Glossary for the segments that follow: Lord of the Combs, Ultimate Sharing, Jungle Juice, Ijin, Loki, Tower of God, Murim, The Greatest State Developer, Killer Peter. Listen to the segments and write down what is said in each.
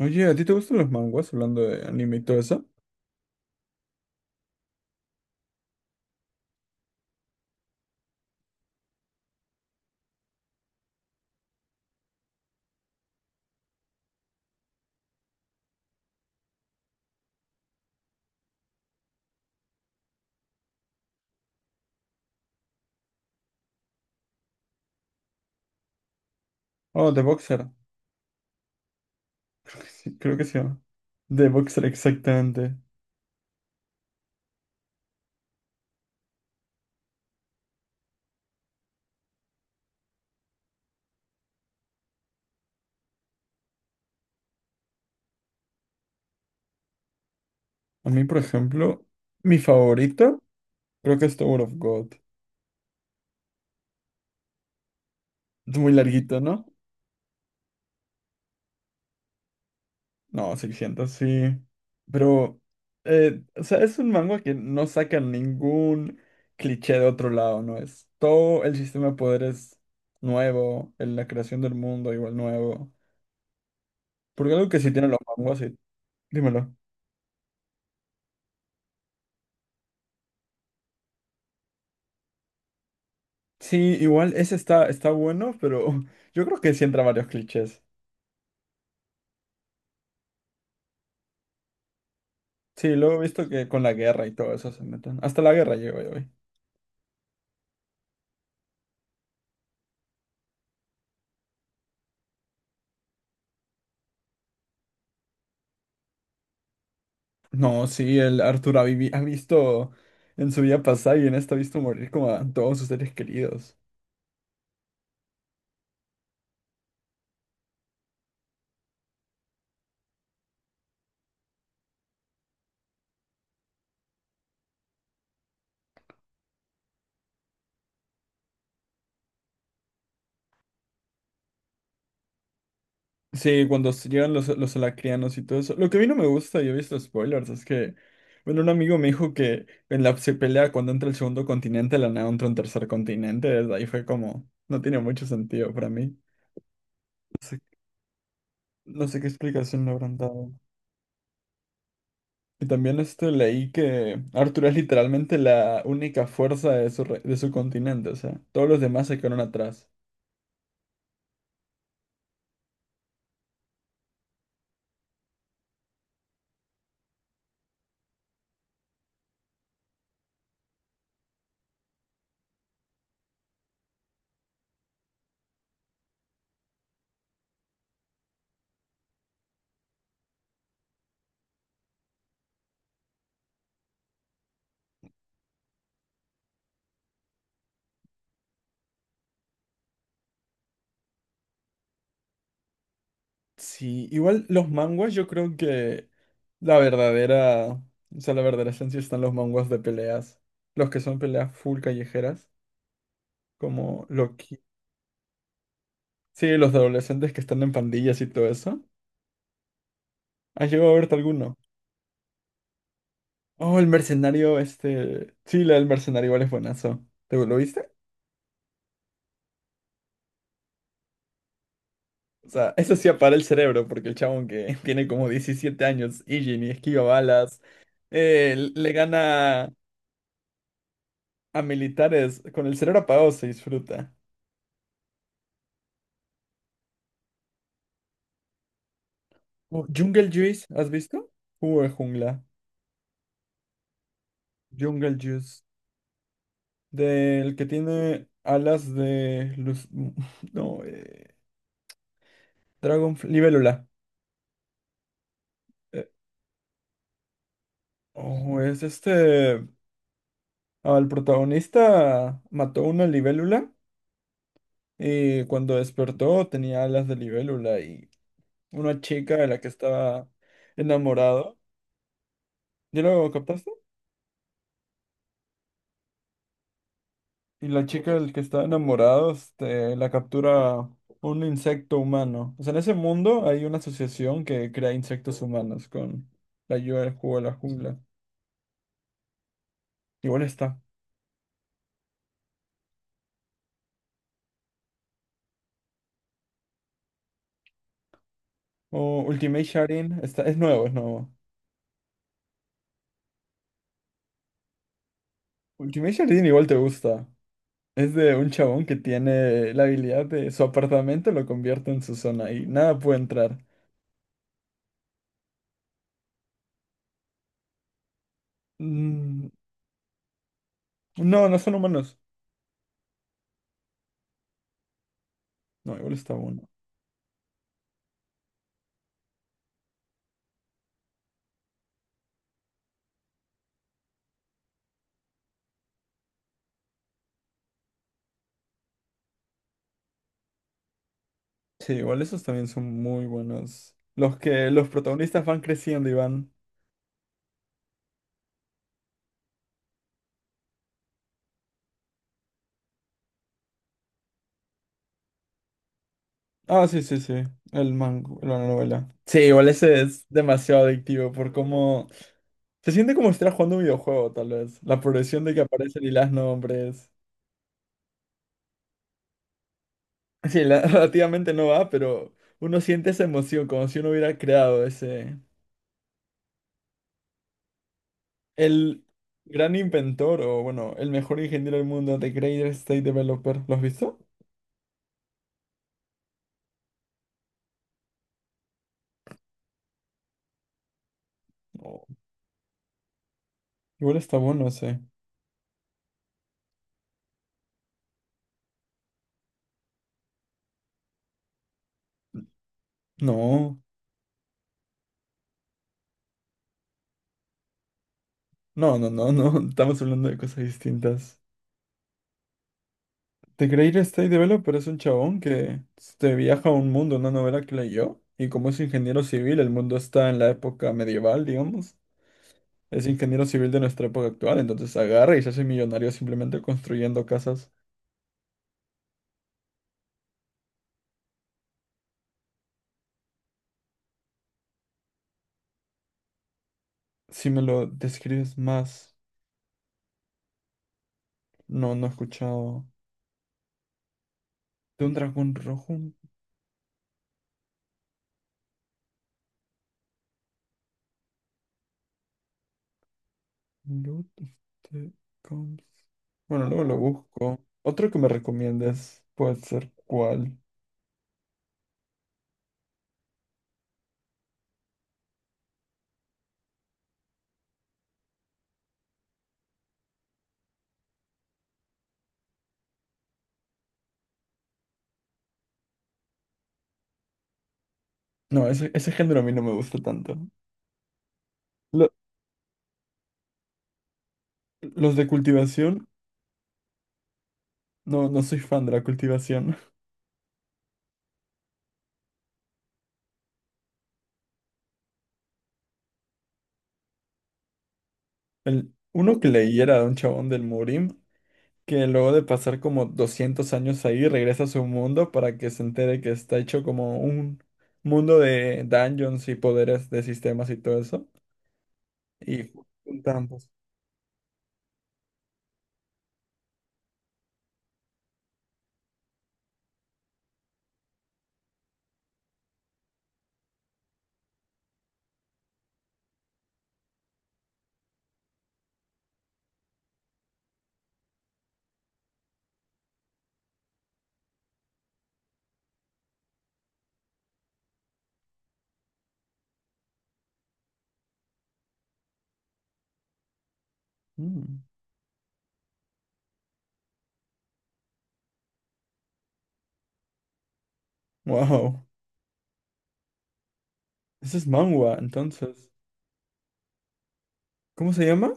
Oye, ¿a ti te gustan los manguas hablando de anime y todo eso? Oh, The Boxer. Creo que sí, creo que se llama. The Boxer, exactamente. A mí, por ejemplo, mi favorito creo que es Tower of God. Es muy larguito, ¿no? No, 600, sí. Pero, o sea, es un manga que no saca ningún cliché de otro lado, ¿no? Es todo el sistema de poderes nuevo, en la creación del mundo igual nuevo. Porque algo que sí tienen los manguas, sí. Dímelo. Sí, igual ese está, está bueno, pero yo creo que sí entra varios clichés. Sí, luego he visto que con la guerra y todo eso se meten. Hasta la guerra llegó yo hoy. No, sí, el Arturo ha, ha visto en su vida pasada y en esta ha visto morir como a todos sus seres queridos. Sí, cuando llegan los alacrianos y todo eso. Lo que a mí no me gusta, y he visto spoilers, es que, bueno, un amigo me dijo que en la se pelea cuando entra el segundo continente, de la nada entra un tercer continente. Desde ahí fue como, no tiene mucho sentido para mí. No sé qué explicación le habrán dado. Y también este, leí que Arthur es literalmente la única fuerza de su, de su continente, o sea, todos los demás se quedaron atrás. Sí, igual los manguas yo creo que la verdadera, o sea, la verdadera esencia están los manguas de peleas, los que son peleas full callejeras, como Loki. Sí, los de adolescentes que están en pandillas y todo eso. ¿Has llegado a verte alguno? Oh, el mercenario, este... Sí, la del mercenario igual es buenazo. ¿Te lo viste? O sea, eso sí para el cerebro, porque el chabón que tiene como 17 años, Ijin, y esquiva balas, le gana a militares. Con el cerebro apagado se disfruta. Jungle Juice, ¿has visto? Jugo de jungla. Jungle Juice. Del que tiene alas de luz. No, Dragon. Libélula. Eh, oh, es este. Al protagonista mató una libélula. Y cuando despertó tenía alas de libélula y una chica de la que estaba enamorado. ¿Ya lo captaste? Y la chica del que estaba enamorado, este, la captura un insecto humano. O sea, en ese mundo hay una asociación que crea insectos humanos con la ayuda del juego de la jungla. Igual está. O Ultimate Sharing, está, es nuevo, es nuevo. Ultimate Sharing igual te gusta. Es de un chabón que tiene la habilidad de su apartamento lo convierte en su zona y nada puede entrar. Mm, no, no son humanos. No, igual está bueno. Sí, igual esos también son muy buenos. Los que los protagonistas van creciendo y van. Ah, sí, sí, sí. El mango, la novela. Sí, igual ese es demasiado adictivo por cómo. Se siente como si estuvieras jugando un videojuego, tal vez. La progresión de que aparecen y las nombres. Sí, relativamente no va, pero uno siente esa emoción, como si uno hubiera creado ese. El gran inventor, o bueno, el mejor ingeniero del mundo, The Greatest State Developer. ¿Lo has visto? No. Igual está bueno ese. No. No, estamos hablando de cosas distintas. The Greatest State Developer es un chabón que este, viaja a un mundo, una novela que leyó, y como es ingeniero civil, el mundo está en la época medieval, digamos. Es ingeniero civil de nuestra época actual, entonces agarra y se hace millonario simplemente construyendo casas. Si me lo describes más, no, no he escuchado. De un dragón rojo, un Lord of the Combs. Bueno, luego lo busco. Otro que me recomiendes puede ser cuál. No, ese género a mí no me gusta tanto. Lo- los de cultivación, no, no soy fan de la cultivación. El, uno que leí era de un chabón del Murim, que luego de pasar como 200 años ahí, regresa a su mundo para que se entere que está hecho como un mundo de dungeons y poderes de sistemas y todo eso. Y juntan, pues, mm, wow, ese es manhwa, entonces. ¿Cómo se llama?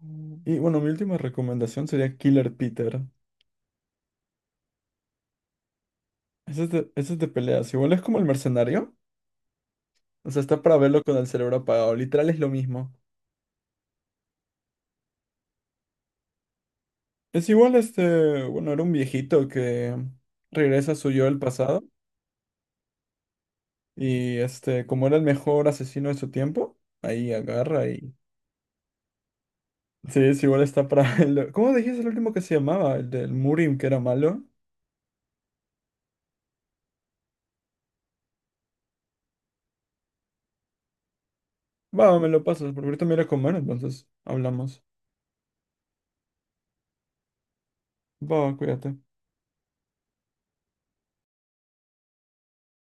Mm. Y bueno, mi última recomendación sería Killer Peter. Eso es de peleas. Igual es como el mercenario. O sea, está para verlo con el cerebro apagado. Literal es lo mismo. Es igual este, bueno, era un viejito que regresa a su yo del pasado. Y este, como era el mejor asesino de su tiempo, ahí agarra y... Sí, es igual está para... ¿Cómo dijiste el último que se llamaba? El del Murim, que era malo. Va, me lo pasas, porque ahorita me iré a comer, entonces hablamos. Va, cuídate.